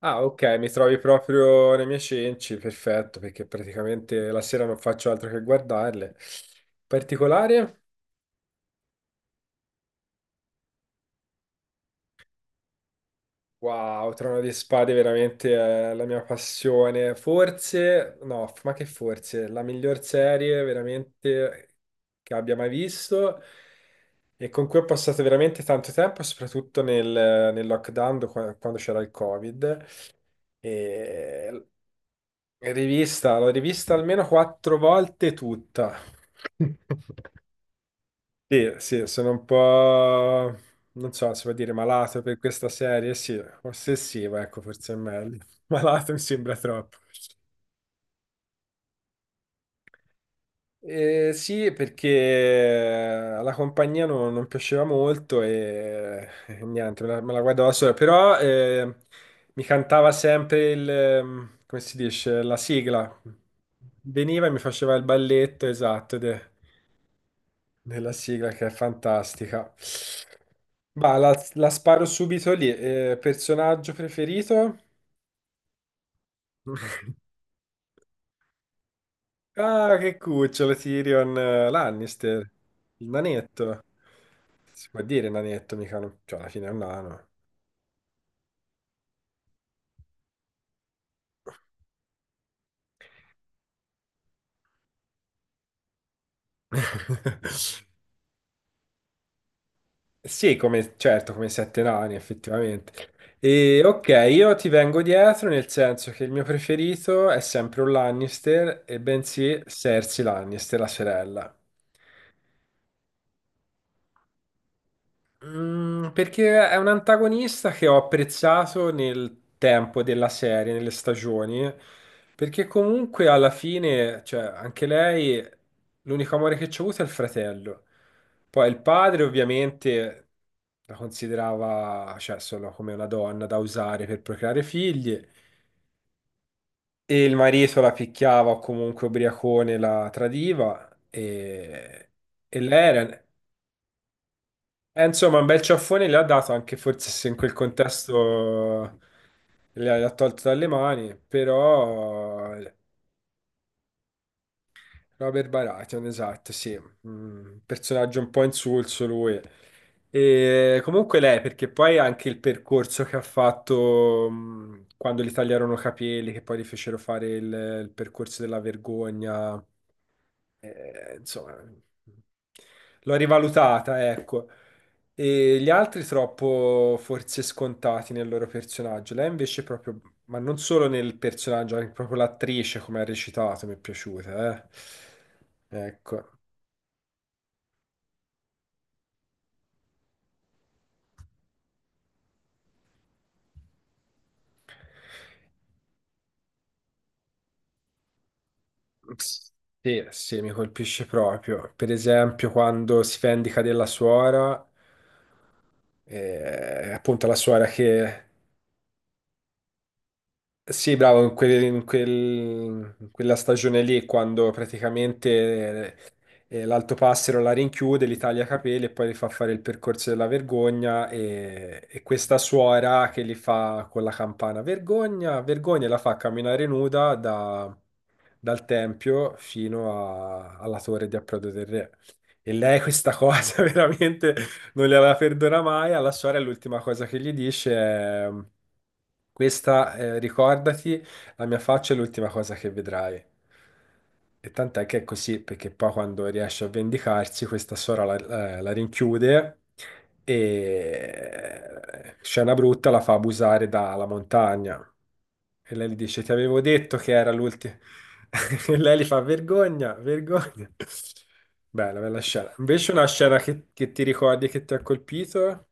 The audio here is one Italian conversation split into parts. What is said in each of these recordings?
Ah, ok, mi trovi proprio nei miei cenci, perfetto, perché praticamente la sera non faccio altro che guardarle. Particolare? Wow, Trono di Spade veramente è la mia passione. Forse, no, ma che forse, la miglior serie veramente che abbia mai visto e con cui ho passato veramente tanto tempo, soprattutto nel lockdown, quando c'era il Covid. E l'ho rivista almeno quattro volte tutta. Sì, sì, sono un po', non so se vuol dire malato per questa serie, sì, ossessiva, ecco, forse è meglio. Malato mi sembra troppo. Sì, perché alla compagnia non piaceva molto e niente, me la guardavo da sola, però mi cantava sempre il, come si dice, la sigla. Veniva e mi faceva il balletto, esatto, della sigla che è fantastica. Ma la sparo subito lì. Personaggio preferito? Ah, che cucciolo, Tyrion Lannister, il nanetto. Si può dire nanetto, mica cioè, alla fine è un nano. Sì, come, certo, come sette nani, effettivamente. E ok, io ti vengo dietro nel senso che il mio preferito è sempre un Lannister, e bensì Cersei Lannister, la sorella. Perché è un antagonista che ho apprezzato nel tempo della serie, nelle stagioni, perché comunque alla fine, cioè, anche lei, l'unico amore che c'ha avuto è il fratello. Poi il padre ovviamente la considerava, cioè, solo come una donna da usare per procreare figli, e il marito la picchiava o comunque ubriacone la tradiva, e lei era... Insomma, un bel ciaffone le ha dato anche forse se in quel contesto le ha tolto dalle mani, però Robert Baratheon, esatto, sì. Personaggio un po' insulso lui. E comunque lei, perché poi anche il percorso che ha fatto quando gli tagliarono i capelli, che poi gli fecero fare il percorso della vergogna, insomma, l'ho rivalutata, ecco. E gli altri troppo forse scontati nel loro personaggio, lei invece è proprio ma non solo nel personaggio, anche proprio l'attrice come ha recitato mi è piaciuta, eh. Ecco. Sì, sì, mi colpisce proprio. Per esempio, quando si vendica della suora, appunto la suora che sì, bravo, in quella stagione lì, quando praticamente l'Alto Passero la rinchiude, li taglia i capelli e poi li fa fare il percorso della vergogna e questa suora che li fa con la campana vergogna, vergogna, e la fa camminare nuda dal Tempio fino alla torre di approdo del re. E lei questa cosa veramente non gliela perdona mai. Alla sorella l'ultima cosa che gli dice è questa, ricordati, la mia faccia è l'ultima cosa che vedrai. E tant'è che è così, perché poi quando riesce a vendicarsi, questa sorella la rinchiude e scena brutta la fa abusare dalla montagna. E lei gli dice, ti avevo detto che era l'ultimo. E lei gli fa, vergogna, vergogna. Bella, bella scena. Invece una scena che ti ricordi e che ti ha colpito?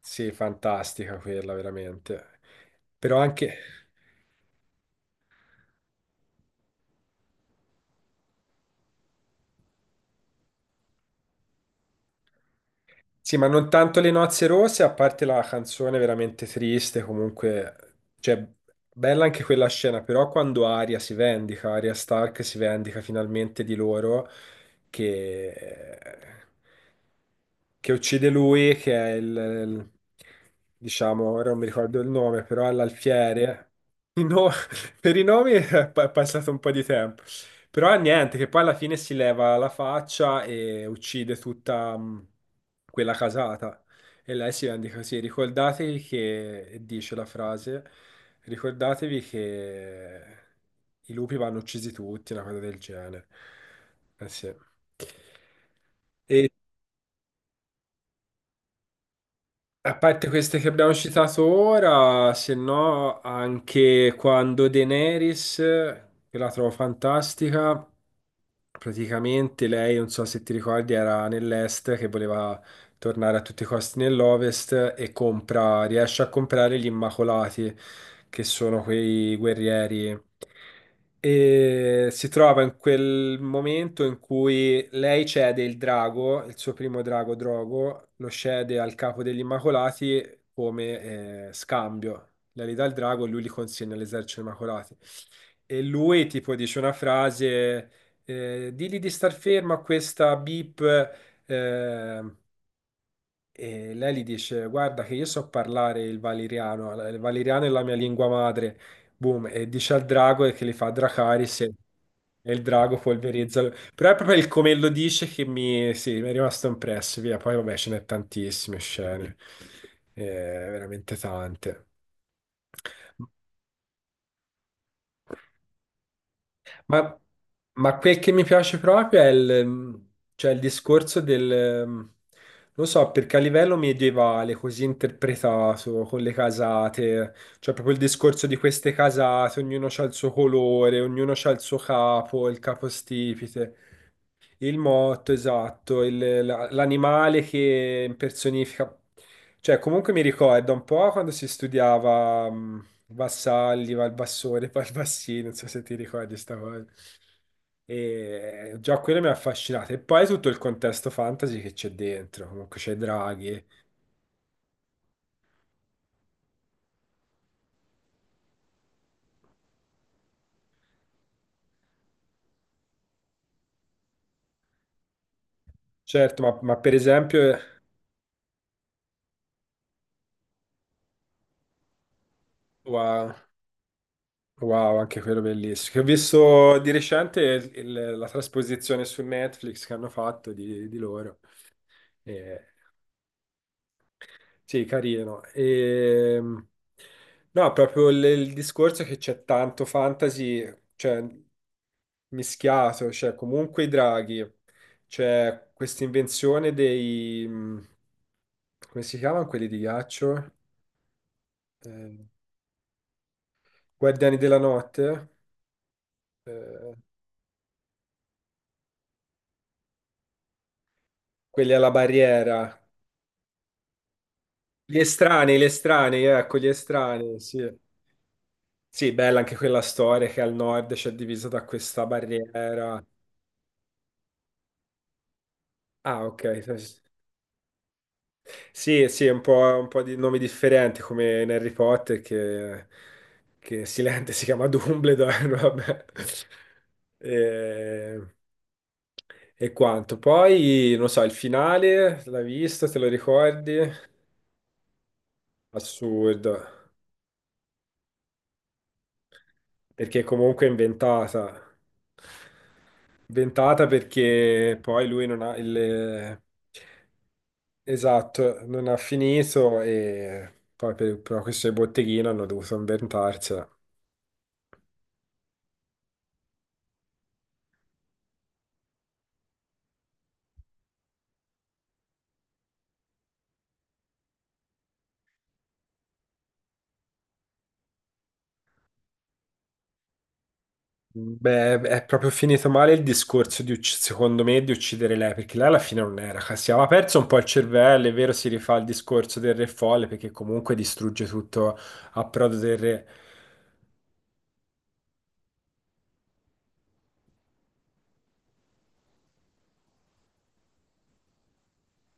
Sì, fantastica quella, veramente. Però anche... Sì, ma non tanto le nozze rosse, a parte la canzone veramente triste, comunque, cioè, bella anche quella scena, però quando Arya si vendica, Arya Stark si vendica finalmente di loro, che, che uccide lui, che è diciamo, ora non mi ricordo il nome, però è l'alfiere. No, per i nomi è pa- è passato un po' di tempo, però niente, che poi alla fine si leva la faccia e uccide tutta quella casata e lei si rende così, ricordatevi che, e dice la frase, ricordatevi che i lupi vanno uccisi tutti, una cosa del genere. Eh sì. E, A parte queste che abbiamo citato ora, se no anche quando Daenerys, che la trovo fantastica, praticamente lei, non so se ti ricordi, era nell'est che voleva tornare a tutti i costi nell'ovest e riesce a comprare gli Immacolati, che sono quei guerrieri. E si trova in quel momento in cui lei cede il drago, il suo primo drago Drogo, lo cede al capo degli Immacolati come scambio. Lei gli dà il drago e lui li consegna all'esercito degli Immacolati. E lui tipo dice una frase, digli di star fermo a questa bip eh, e lei gli dice: Guarda, che io so parlare il valeriano è la mia lingua madre. Boom, e dice al drago e che li fa Dracaris e il drago polverizza. Però è proprio il come lo dice che mi, sì, mi è rimasto impresso. Via, poi vabbè, ce n'è tantissime scene, veramente tante. Ma, ma quel che mi piace proprio è il, cioè il discorso del, non so, perché a livello medievale, così interpretato, con le casate, cioè proprio il discorso di queste casate, ognuno ha il suo colore, ognuno ha il suo capo, il capostipite. Il motto, esatto, l'animale che impersonifica. Cioè, comunque mi ricorda un po' quando si studiava Vassalli, Valbassore, Valbassino, non so se ti ricordi sta cosa. E già quello mi ha affascinato. E poi tutto il contesto fantasy che c'è dentro, comunque c'è Draghi. Certo, ma per esempio, wow, wow, anche quello bellissimo. Che ho visto di recente la trasposizione su Netflix che hanno fatto di loro. Sì, carino. No, proprio il discorso è che c'è tanto fantasy, cioè mischiato, cioè comunque i draghi, c'è questa invenzione dei come si chiamano quelli di ghiaccio? Eh, Guardiani della notte? Eh, quelli alla barriera. Gli estranei, ecco, gli estranei, sì. Sì, bella anche quella storia che al nord c'è divisa da questa barriera. Ah, ok. Sì, sì, sì. Sì, sì, è un po', di nomi differenti come in Harry Potter che Silente si chiama Dumbledore, vabbè. E, e quanto. Poi, non so, il finale, l'hai visto, te lo ricordi? Assurdo. Perché comunque è inventata. Inventata perché poi lui non ha il. Esatto, non ha finito e poi per questo del botteghino hanno dovuto inventarsela. Beh, è proprio finito male il discorso di, secondo me, di uccidere lei, perché lei alla fine non era, si aveva perso un po' il cervello, è vero, si rifà il discorso del re folle, perché comunque distrugge tutto a prodo del re.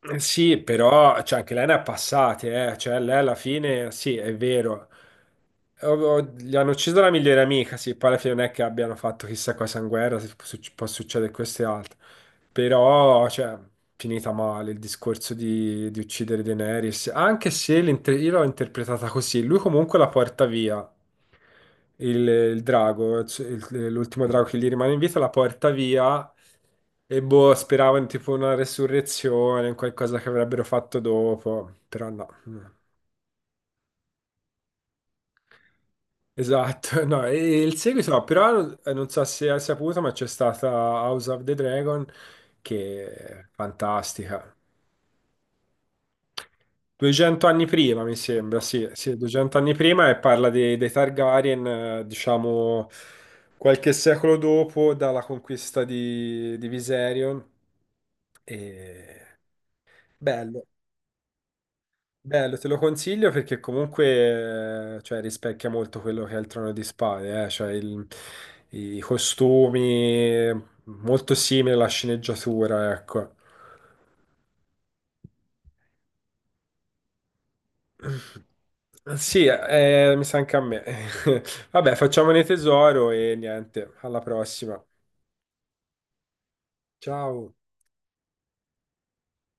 Sì, però cioè, anche lei ne ha passate, eh. Cioè, lei alla fine, sì, è vero. Gli hanno ucciso la migliore amica, sì, poi alla fine non è che abbiano fatto chissà cosa in guerra, se fu- suc- può succedere questo e altro. Però, cioè, finita male il discorso di, uccidere Daenerys, anche se io l'ho interpretata così, lui comunque la porta via, il drago, cioè l'ultimo drago che gli rimane in vita la porta via e boh, speravo in tipo una resurrezione, in qualcosa che avrebbero fatto dopo, però no. Esatto, no, e il seguito no, però non so se hai saputo, ma c'è stata House of the Dragon che è fantastica. 200 anni prima, mi sembra, sì, sì, 200 anni prima e parla dei Targaryen, diciamo, qualche secolo dopo, dalla conquista di, Viserion. E. Bello, bello, te lo consiglio perché comunque, cioè, rispecchia molto quello che è il Trono di Spade, cioè i costumi, molto simile alla sceneggiatura, ecco. Sì, mi sa anche a me. Vabbè, facciamone tesoro e niente, alla prossima. Ciao.